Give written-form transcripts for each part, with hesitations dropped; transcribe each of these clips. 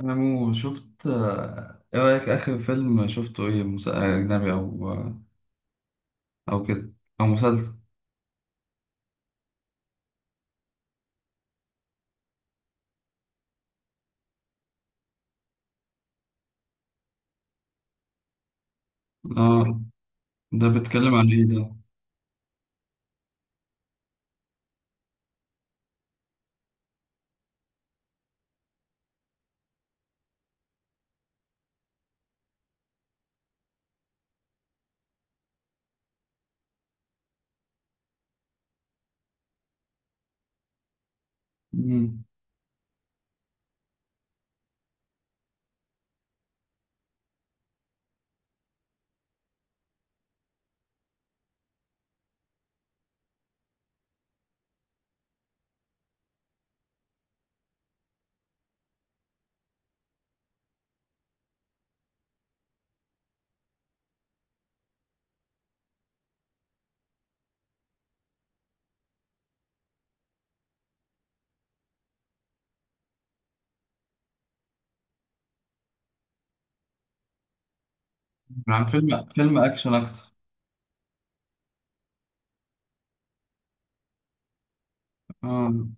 انا مو شفت ايه رايك اخر فيلم شفته ايه اجنبي، او كده، او مسلسل. اه، ده بيتكلم عن ايه ده؟ مم. عن فيلم اكشن اكتر. اه،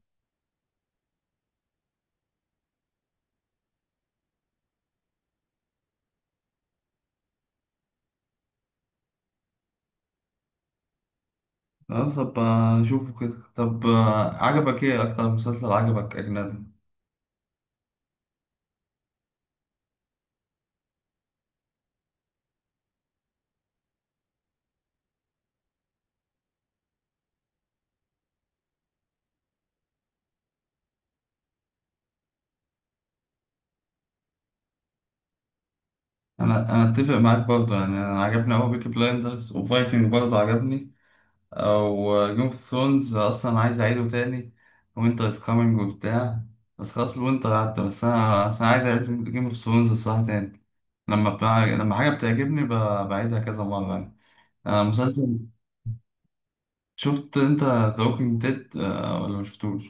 طب اشوفه كده. طب عجبك ايه اكتر مسلسل عجبك اجنبي؟ انا اتفق معاك برضه، يعني انا عجبني قوي بيكي بلايندرز، وفايكنج برضه عجبني، او جيم اوف ثرونز اصلا عايز اعيده تاني، وينتر از كامينج وبتاع. بس خلاص الوينتر عدى، بس انا عايز اعيد جيم اوف ثرونز الصراحه تاني. لما حاجه بتعجبني بعيدها كذا مره يعني. مسلسل، شفت انت ذا ووكينج ديد ولا ما شفتوش؟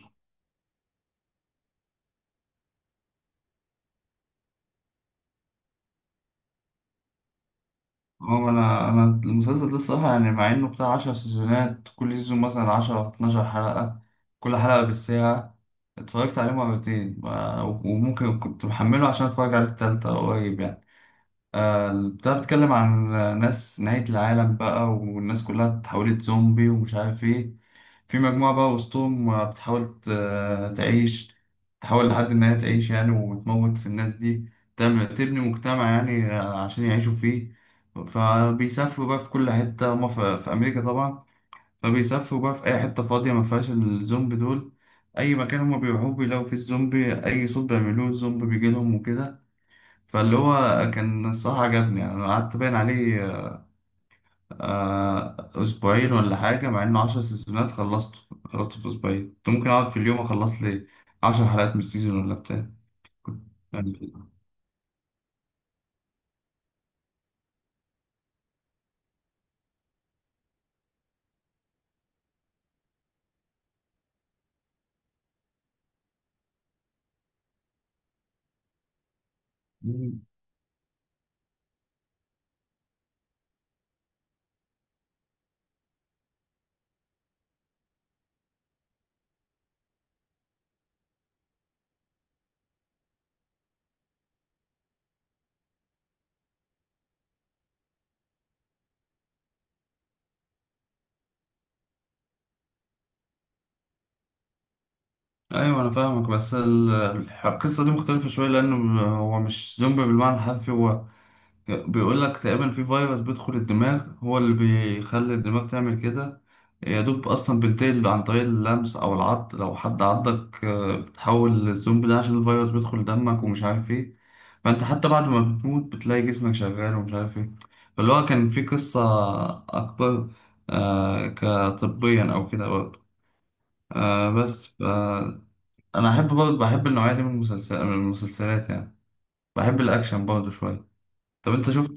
هو انا المسلسل ده الصراحه، يعني مع انه بتاع 10 سيزونات، كل سيزون مثلا 10 12 حلقه، كل حلقه بالساعه. اتفرجت عليه مرتين، وممكن كنت محمله عشان اتفرج عليه التالتة قريب يعني. بتاع، بتتكلم عن ناس نهاية العالم بقى، والناس كلها اتحولت زومبي، ومش عارف ايه. في مجموعة بقى وسطهم بتحاول تعيش، تحاول لحد إن هي تعيش يعني، وتموت في الناس دي، تعمل تبني مجتمع يعني عشان يعيشوا فيه. فبيسافروا بقى في كل حتة، هما في أمريكا طبعا، فبيسافروا بقى في أي حتة فاضية ما فيهاش الزومبي دول. أي مكان هما بيروحوه بيلاقوا فيه الزومبي، أي صوت بيعملوه الزومبي بيجيلهم وكده. فاللي هو كان الصراحة عجبني يعني. أنا قعدت باين عليه أسبوعين ولا حاجة، مع إنه عشر سيزونات خلصته. خلصته في أسبوعين، كنت ممكن أقعد في اليوم أخلص لي عشر حلقات من السيزون ولا بتاع. كنت يعني- مم. أيوة، أنا فاهمك، بس القصة دي مختلفة شوية، لأنه هو مش زومبي بالمعنى الحرفي. هو بيقول لك تقريبا في فيروس بيدخل الدماغ، هو اللي بيخلي الدماغ تعمل كده. يا دوب اصلا بينتقل عن طريق اللمس او العض، لو حد عضك بتحول للزومبي ده عشان الفيروس بيدخل دمك، ومش عارف ايه. فانت حتى بعد ما بتموت بتلاقي جسمك شغال، ومش عارف ايه. فاللي هو كان في قصة اكبر كطبيا او كده برضه. آه بس ف- انا احب برضه، بحب النوعية دي من المسلسلات يعني، بحب الاكشن برضه شوية. طب انت شفت،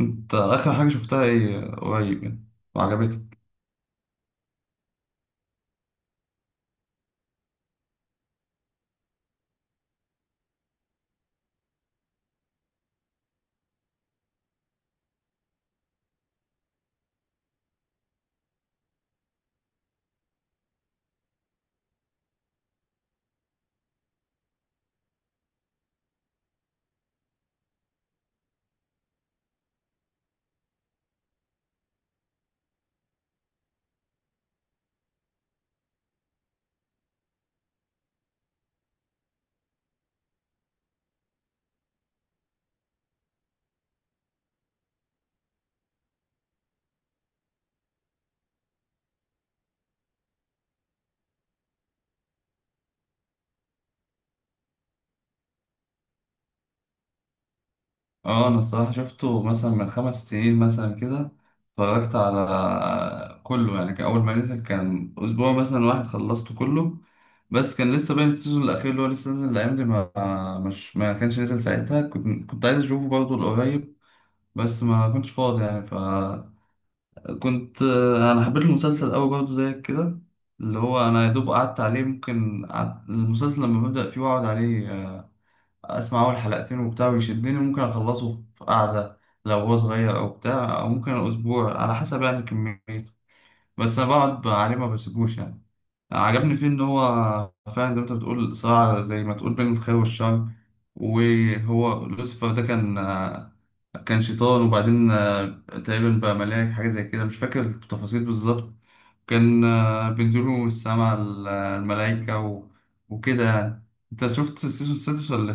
انت اخر حاجه شفتها ايه قريب يعني، وعجبتك؟ اه، انا الصراحه شفته مثلا من خمس سنين مثلا كده. اتفرجت على كله يعني، كان اول ما نزل كان اسبوع مثلا واحد خلصته كله. بس كان لسه باين السيزون الاخير اللي هو لسه نازل الايام دي، ما مش ما كانش نزل ساعتها، كنت عايز اشوفه برضه القريب، بس ما كنتش فاضي يعني، فكنت. انا حبيت المسلسل قوي برضه زيك كده، اللي هو انا يا دوب قعدت عليه، ممكن المسلسل لما ببدأ فيه واقعد عليه، اسمع اول حلقتين وبتاع ويشدني، ممكن اخلصه في قعده لو هو صغير او بتاع، او ممكن اسبوع على حسب يعني كميته. بس انا بقعد عليه ما بسيبوش يعني. عجبني فيه ان هو فعلا زي ما انت بتقول صراع زي ما تقول بين الخير والشر. وهو لوسيفر ده كان، كان شيطان، وبعدين تقريبا بقى ملاك، حاجه زي كده، مش فاكر التفاصيل بالظبط. كان بينزلوا من السما، الملائكه وكده يعني. انت شفت السيزون السادس ولا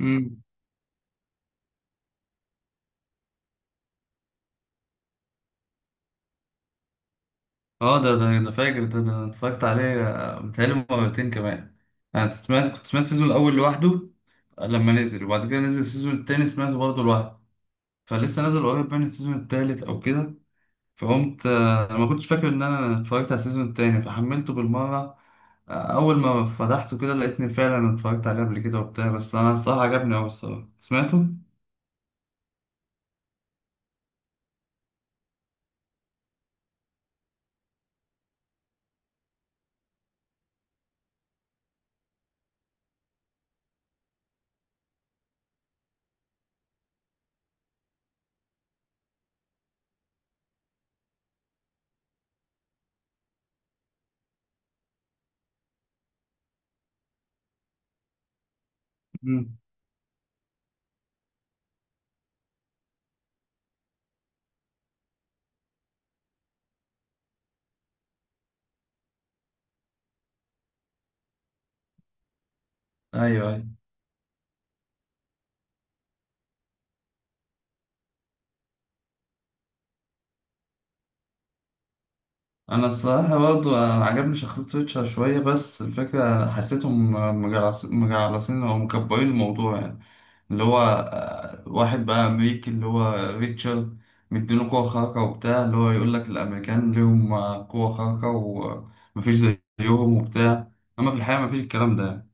لسه؟ اه، ده انا فاكر، ده انا اتفرجت عليه متهيألي مرتين كمان. انا سمعت، كنت سمعت السيزون الاول لوحده لما نزل، وبعد كده نزل السيزون التاني سمعته برضه لوحده. فلسه نازل قريب من السيزون التالت او كده، فقمت انا ما كنتش فاكر ان انا اتفرجت على السيزون التاني فحملته بالمره. اول ما فتحته كده لقيتني فعلا اتفرجت عليه قبل كده وبتاع، بس انا الصراحه عجبني اوي الصراحه، سمعته؟ مم. ايوه، ايوه. انا الصراحه برضه عجبني شخصيه ريتشارد شويه، بس الفكره حسيتهم مجعلصين او مكبرين الموضوع يعني. اللي هو واحد بقى امريكي اللي هو ريتشارد، مديله قوه خارقه وبتاع، اللي هو يقول لك الامريكان ليهم قوه خارقه ومفيش زيهم وبتاع، اما في الحقيقه مفيش الكلام ده يعني.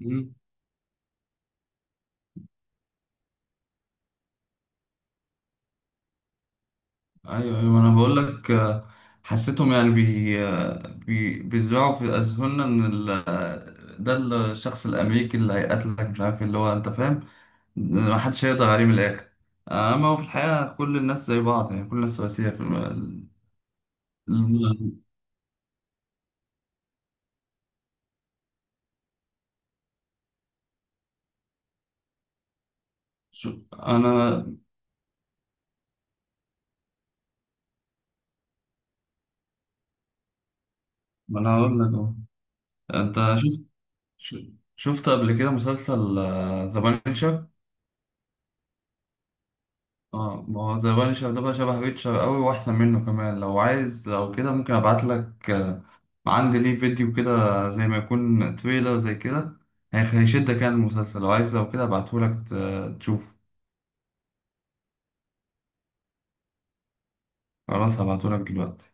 آه، ايوه، ايوه، انا بقول لك حسيتهم يعني بي آه، بي بيزرعوا في اذهاننا ان ده الشخص الامريكي اللي هيقتلك مش عارف إيه، اللي هو انت فاهم، ما حدش هيقدر عليه من الاخر. اما هو في الحقيقه كل الناس زي بعض يعني، كل الناس سواسيه في الم- انا، ما انا هقول لك اهو. انت شفت، شفت قبل كده مسلسل ذا بانشر؟ اه، ما هو ذا بانشر ده بقى شبه ريتشر قوي، واحسن منه كمان. لو عايز لو كده ممكن ابعت لك عندي ليه فيديو كده زي ما يكون تريلر زي كده، هيشدك يعني المسلسل. لو عايز لو كده ابعته لك تشوف. خلاص، هبعته لك دلوقتي.